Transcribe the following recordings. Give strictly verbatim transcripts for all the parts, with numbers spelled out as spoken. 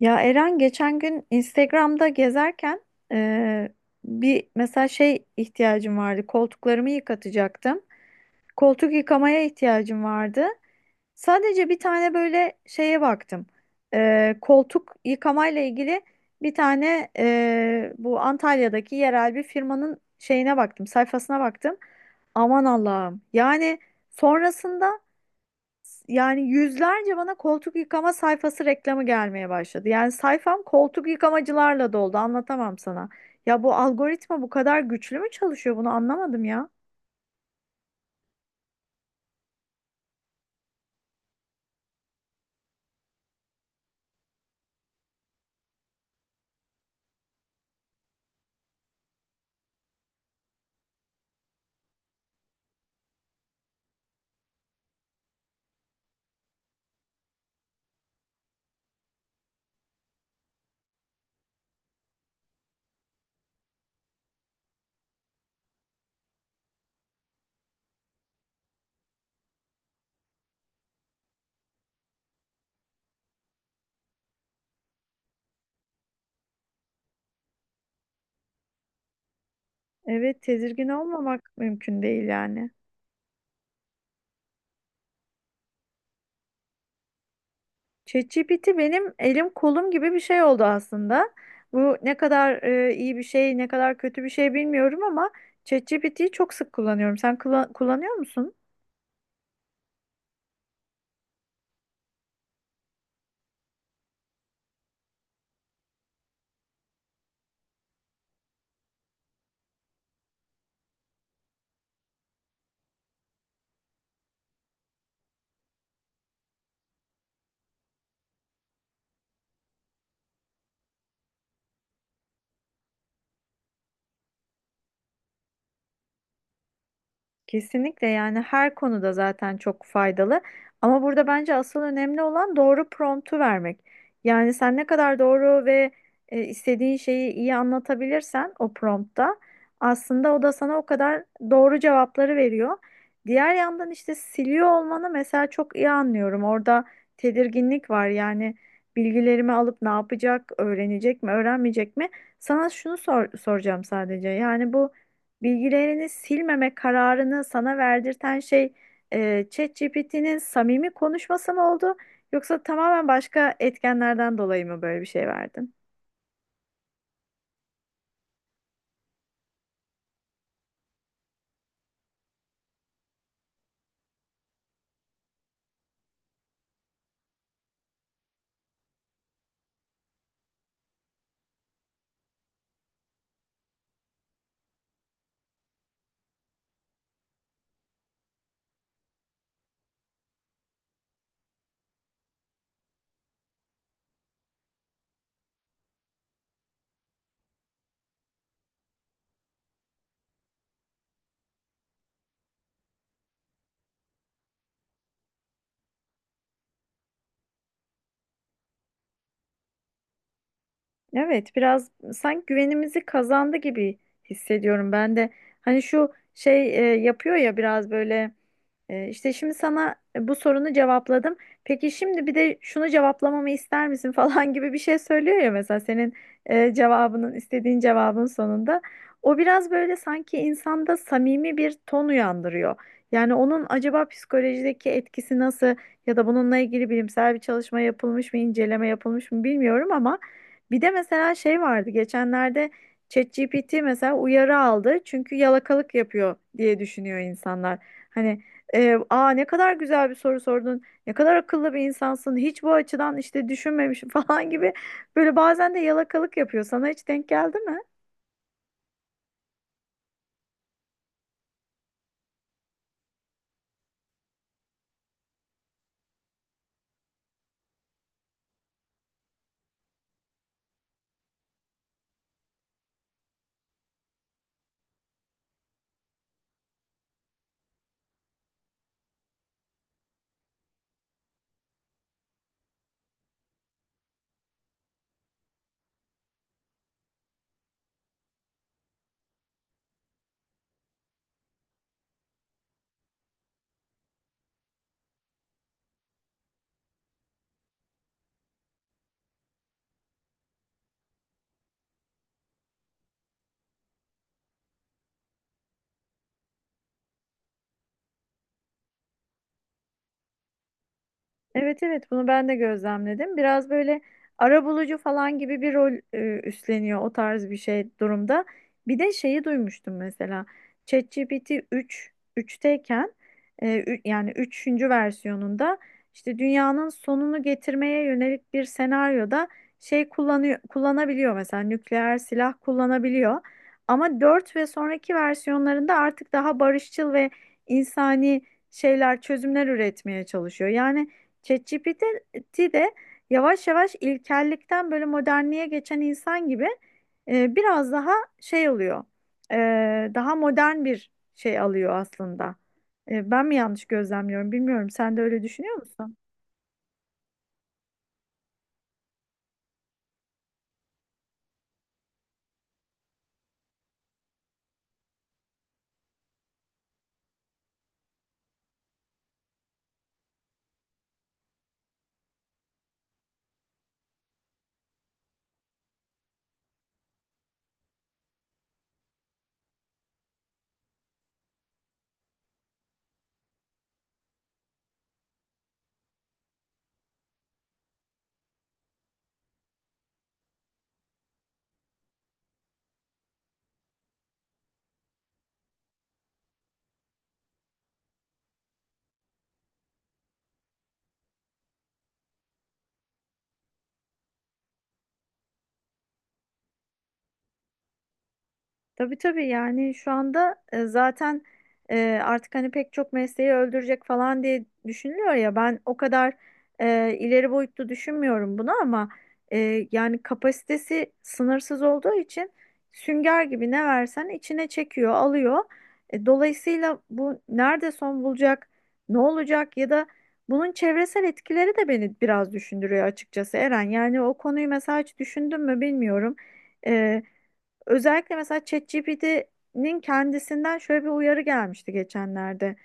Ya Eren geçen gün Instagram'da gezerken eee, bir mesela şey ihtiyacım vardı. Koltuklarımı yıkatacaktım. Koltuk yıkamaya ihtiyacım vardı. Sadece bir tane böyle şeye baktım. Eee, koltuk yıkamayla ilgili bir tane eee, bu Antalya'daki yerel bir firmanın şeyine baktım, sayfasına baktım. Aman Allah'ım. Yani sonrasında yani yüzlerce bana koltuk yıkama sayfası reklamı gelmeye başladı. Yani sayfam koltuk yıkamacılarla doldu. Anlatamam sana. Ya bu algoritma bu kadar güçlü mü çalışıyor? Bunu anlamadım ya. Evet, tedirgin olmamak mümkün değil yani. ChatGPT benim elim kolum gibi bir şey oldu aslında. Bu ne kadar e, iyi bir şey, ne kadar kötü bir şey bilmiyorum ama ChatGPT'yi çok sık kullanıyorum. Sen kula- kullanıyor musun? Kesinlikle yani her konuda zaten çok faydalı. Ama burada bence asıl önemli olan doğru promptu vermek. Yani sen ne kadar doğru ve e, istediğin şeyi iyi anlatabilirsen o promptta aslında o da sana o kadar doğru cevapları veriyor. Diğer yandan işte siliyor olmanı mesela çok iyi anlıyorum. Orada tedirginlik var. Yani bilgilerimi alıp ne yapacak, öğrenecek mi, öğrenmeyecek mi? Sana şunu sor- soracağım sadece. Yani bu bilgilerini silmeme kararını sana verdirten şey e, ChatGPT'nin samimi konuşması mı oldu yoksa tamamen başka etkenlerden dolayı mı böyle bir şey verdin? Evet, biraz sanki güvenimizi kazandı gibi hissediyorum ben de. Hani şu şey e, yapıyor ya biraz böyle. Ee, işte şimdi sana e, bu sorunu cevapladım. Peki şimdi bir de şunu cevaplamamı ister misin falan gibi bir şey söylüyor ya mesela senin e, cevabının istediğin cevabın sonunda. O biraz böyle sanki insanda samimi bir ton uyandırıyor. Yani onun acaba psikolojideki etkisi nasıl ya da bununla ilgili bilimsel bir çalışma yapılmış mı, inceleme yapılmış mı bilmiyorum ama bir de mesela şey vardı geçenlerde. ChatGPT mesela uyarı aldı çünkü yalakalık yapıyor diye düşünüyor insanlar. Hani ee, aa, ne kadar güzel bir soru sordun. Ne kadar akıllı bir insansın. Hiç bu açıdan işte düşünmemişim falan gibi. Böyle bazen de yalakalık yapıyor. Sana hiç denk geldi mi? Evet, evet, bunu ben de gözlemledim. Biraz böyle arabulucu falan gibi bir rol e, üstleniyor o tarz bir şey durumda. Bir de şeyi duymuştum mesela. ChatGPT üç üçteyken e, ü- yani üçüncü versiyonunda işte dünyanın sonunu getirmeye yönelik bir senaryoda şey kullanıyor kullanabiliyor, mesela nükleer silah kullanabiliyor. Ama dört ve sonraki versiyonlarında artık daha barışçıl ve insani şeyler çözümler üretmeye çalışıyor. Yani ChatGPT de yavaş yavaş ilkellikten böyle modernliğe geçen insan gibi e, biraz daha şey oluyor. E, Daha modern bir şey alıyor aslında. E, ben mi yanlış gözlemliyorum bilmiyorum. Sen de öyle düşünüyor musun? Tabii, tabii, yani şu anda e, zaten e, artık hani pek çok mesleği öldürecek falan diye düşünülüyor ya, ben o kadar e, ileri boyutlu düşünmüyorum bunu ama e, yani kapasitesi sınırsız olduğu için sünger gibi ne versen içine çekiyor, alıyor. E, dolayısıyla bu nerede son bulacak, ne olacak ya da bunun çevresel etkileri de beni biraz düşündürüyor açıkçası Eren. Yani o konuyu mesela hiç düşündün mü bilmiyorum. Özellikle mesela ChatGPT'nin kendisinden şöyle bir uyarı gelmişti geçenlerde.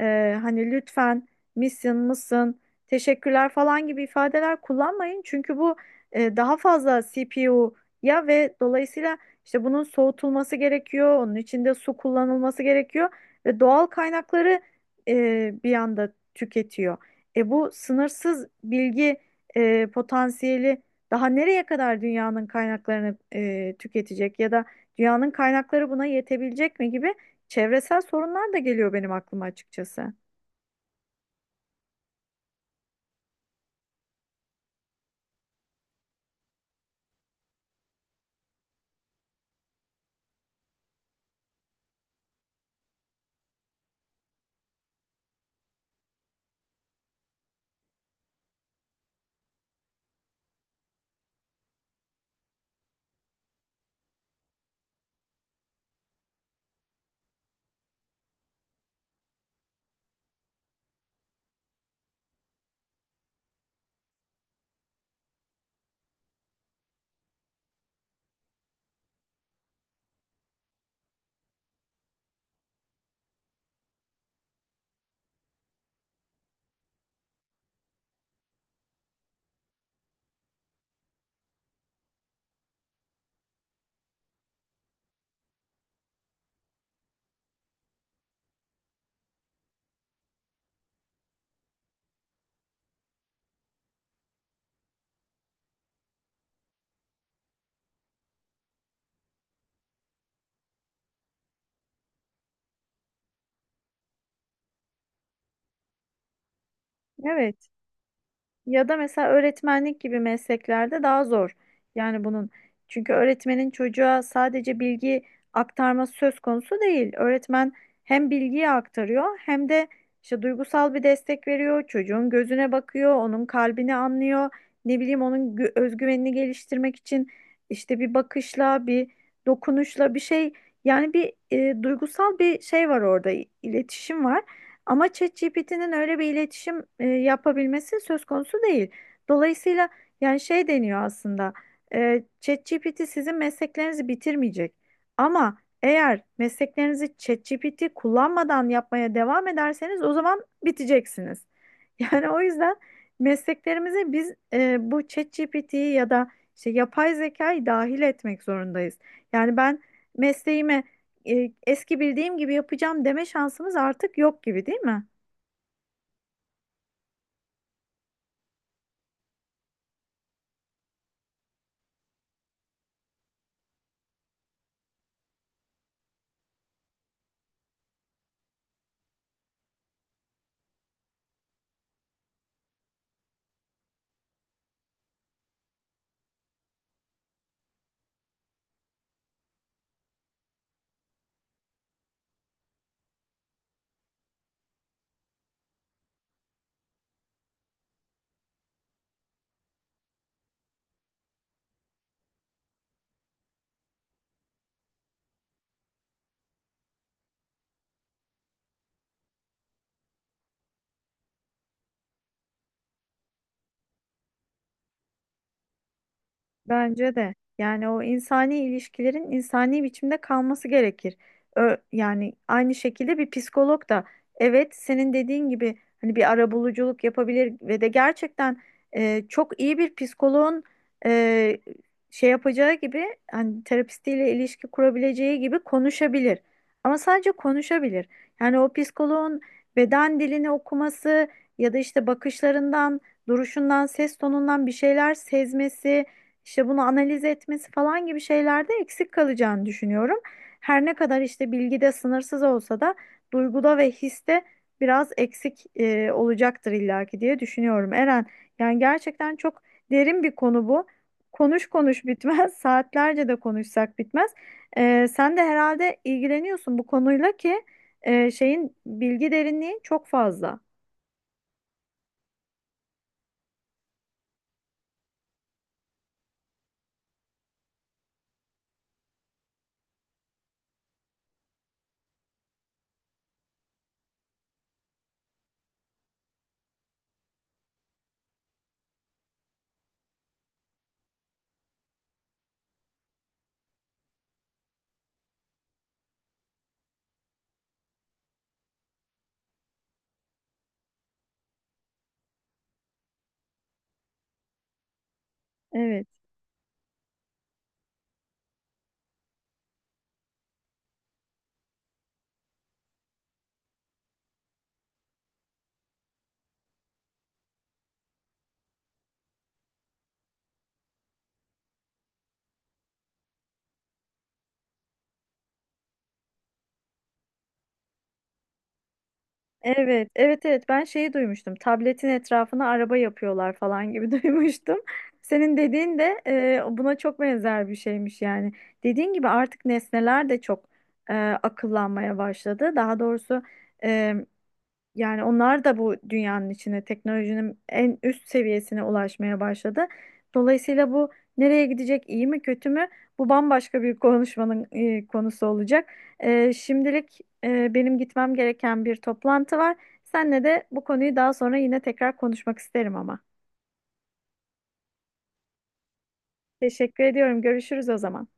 Ee, hani lütfen, misin, mısın, teşekkürler falan gibi ifadeler kullanmayın. Çünkü bu e, daha fazla C P U'ya ve dolayısıyla işte bunun soğutulması gerekiyor. Onun içinde su kullanılması gerekiyor ve doğal kaynakları e, bir anda tüketiyor. E, bu sınırsız bilgi e, potansiyeli daha nereye kadar dünyanın kaynaklarını e, tüketecek ya da dünyanın kaynakları buna yetebilecek mi gibi çevresel sorunlar da geliyor benim aklıma açıkçası. Evet. Ya da mesela öğretmenlik gibi mesleklerde daha zor. Yani bunun, çünkü öğretmenin çocuğa sadece bilgi aktarması söz konusu değil. Öğretmen hem bilgiyi aktarıyor hem de işte duygusal bir destek veriyor. Çocuğun gözüne bakıyor, onun kalbini anlıyor. Ne bileyim onun gü- özgüvenini geliştirmek için işte bir bakışla, bir dokunuşla bir şey, yani bir e, duygusal bir şey var orada, i- iletişim var. Ama ChatGPT'nin öyle bir iletişim e, yapabilmesi söz konusu değil. Dolayısıyla yani şey deniyor aslında. E, ChatGPT sizin mesleklerinizi bitirmeyecek. Ama eğer mesleklerinizi ChatGPT kullanmadan yapmaya devam ederseniz o zaman biteceksiniz. Yani o yüzden mesleklerimize biz e, bu ChatGPT'yi ya da işte yapay zekayı dahil etmek zorundayız. Yani ben mesleğime e, eski bildiğim gibi yapacağım deme şansımız artık yok gibi, değil mi? Bence de. Yani o insani ilişkilerin insani biçimde kalması gerekir. Ö- yani aynı şekilde bir psikolog da evet senin dediğin gibi hani bir arabuluculuk yapabilir ve de gerçekten e, çok iyi bir psikoloğun e, şey yapacağı gibi hani terapistiyle ilişki kurabileceği gibi konuşabilir. Ama sadece konuşabilir. Yani o psikoloğun beden dilini okuması ya da işte bakışlarından, duruşundan, ses tonundan bir şeyler sezmesi, işte bunu analiz etmesi falan gibi şeylerde eksik kalacağını düşünüyorum. Her ne kadar işte bilgide sınırsız olsa da duyguda ve histe biraz eksik e, olacaktır illaki diye düşünüyorum. Eren, yani gerçekten çok derin bir konu bu. Konuş konuş bitmez, saatlerce de konuşsak bitmez. E, sen de herhalde ilgileniyorsun bu konuyla ki e, şeyin bilgi derinliği çok fazla. Evet. Evet, evet, evet. Ben şeyi duymuştum. Tabletin etrafına araba yapıyorlar falan gibi duymuştum. Senin dediğin de e, buna çok benzer bir şeymiş yani. Dediğin gibi artık nesneler de çok e, akıllanmaya başladı. Daha doğrusu yani onlar da bu dünyanın içine teknolojinin en üst seviyesine ulaşmaya başladı. Dolayısıyla bu nereye gidecek, iyi mi kötü mü? Bu bambaşka bir konuşmanın e, konusu olacak. E, şimdilik e, benim gitmem gereken bir toplantı var. Seninle de bu konuyu daha sonra yine tekrar konuşmak isterim ama. Teşekkür ediyorum. Görüşürüz o zaman.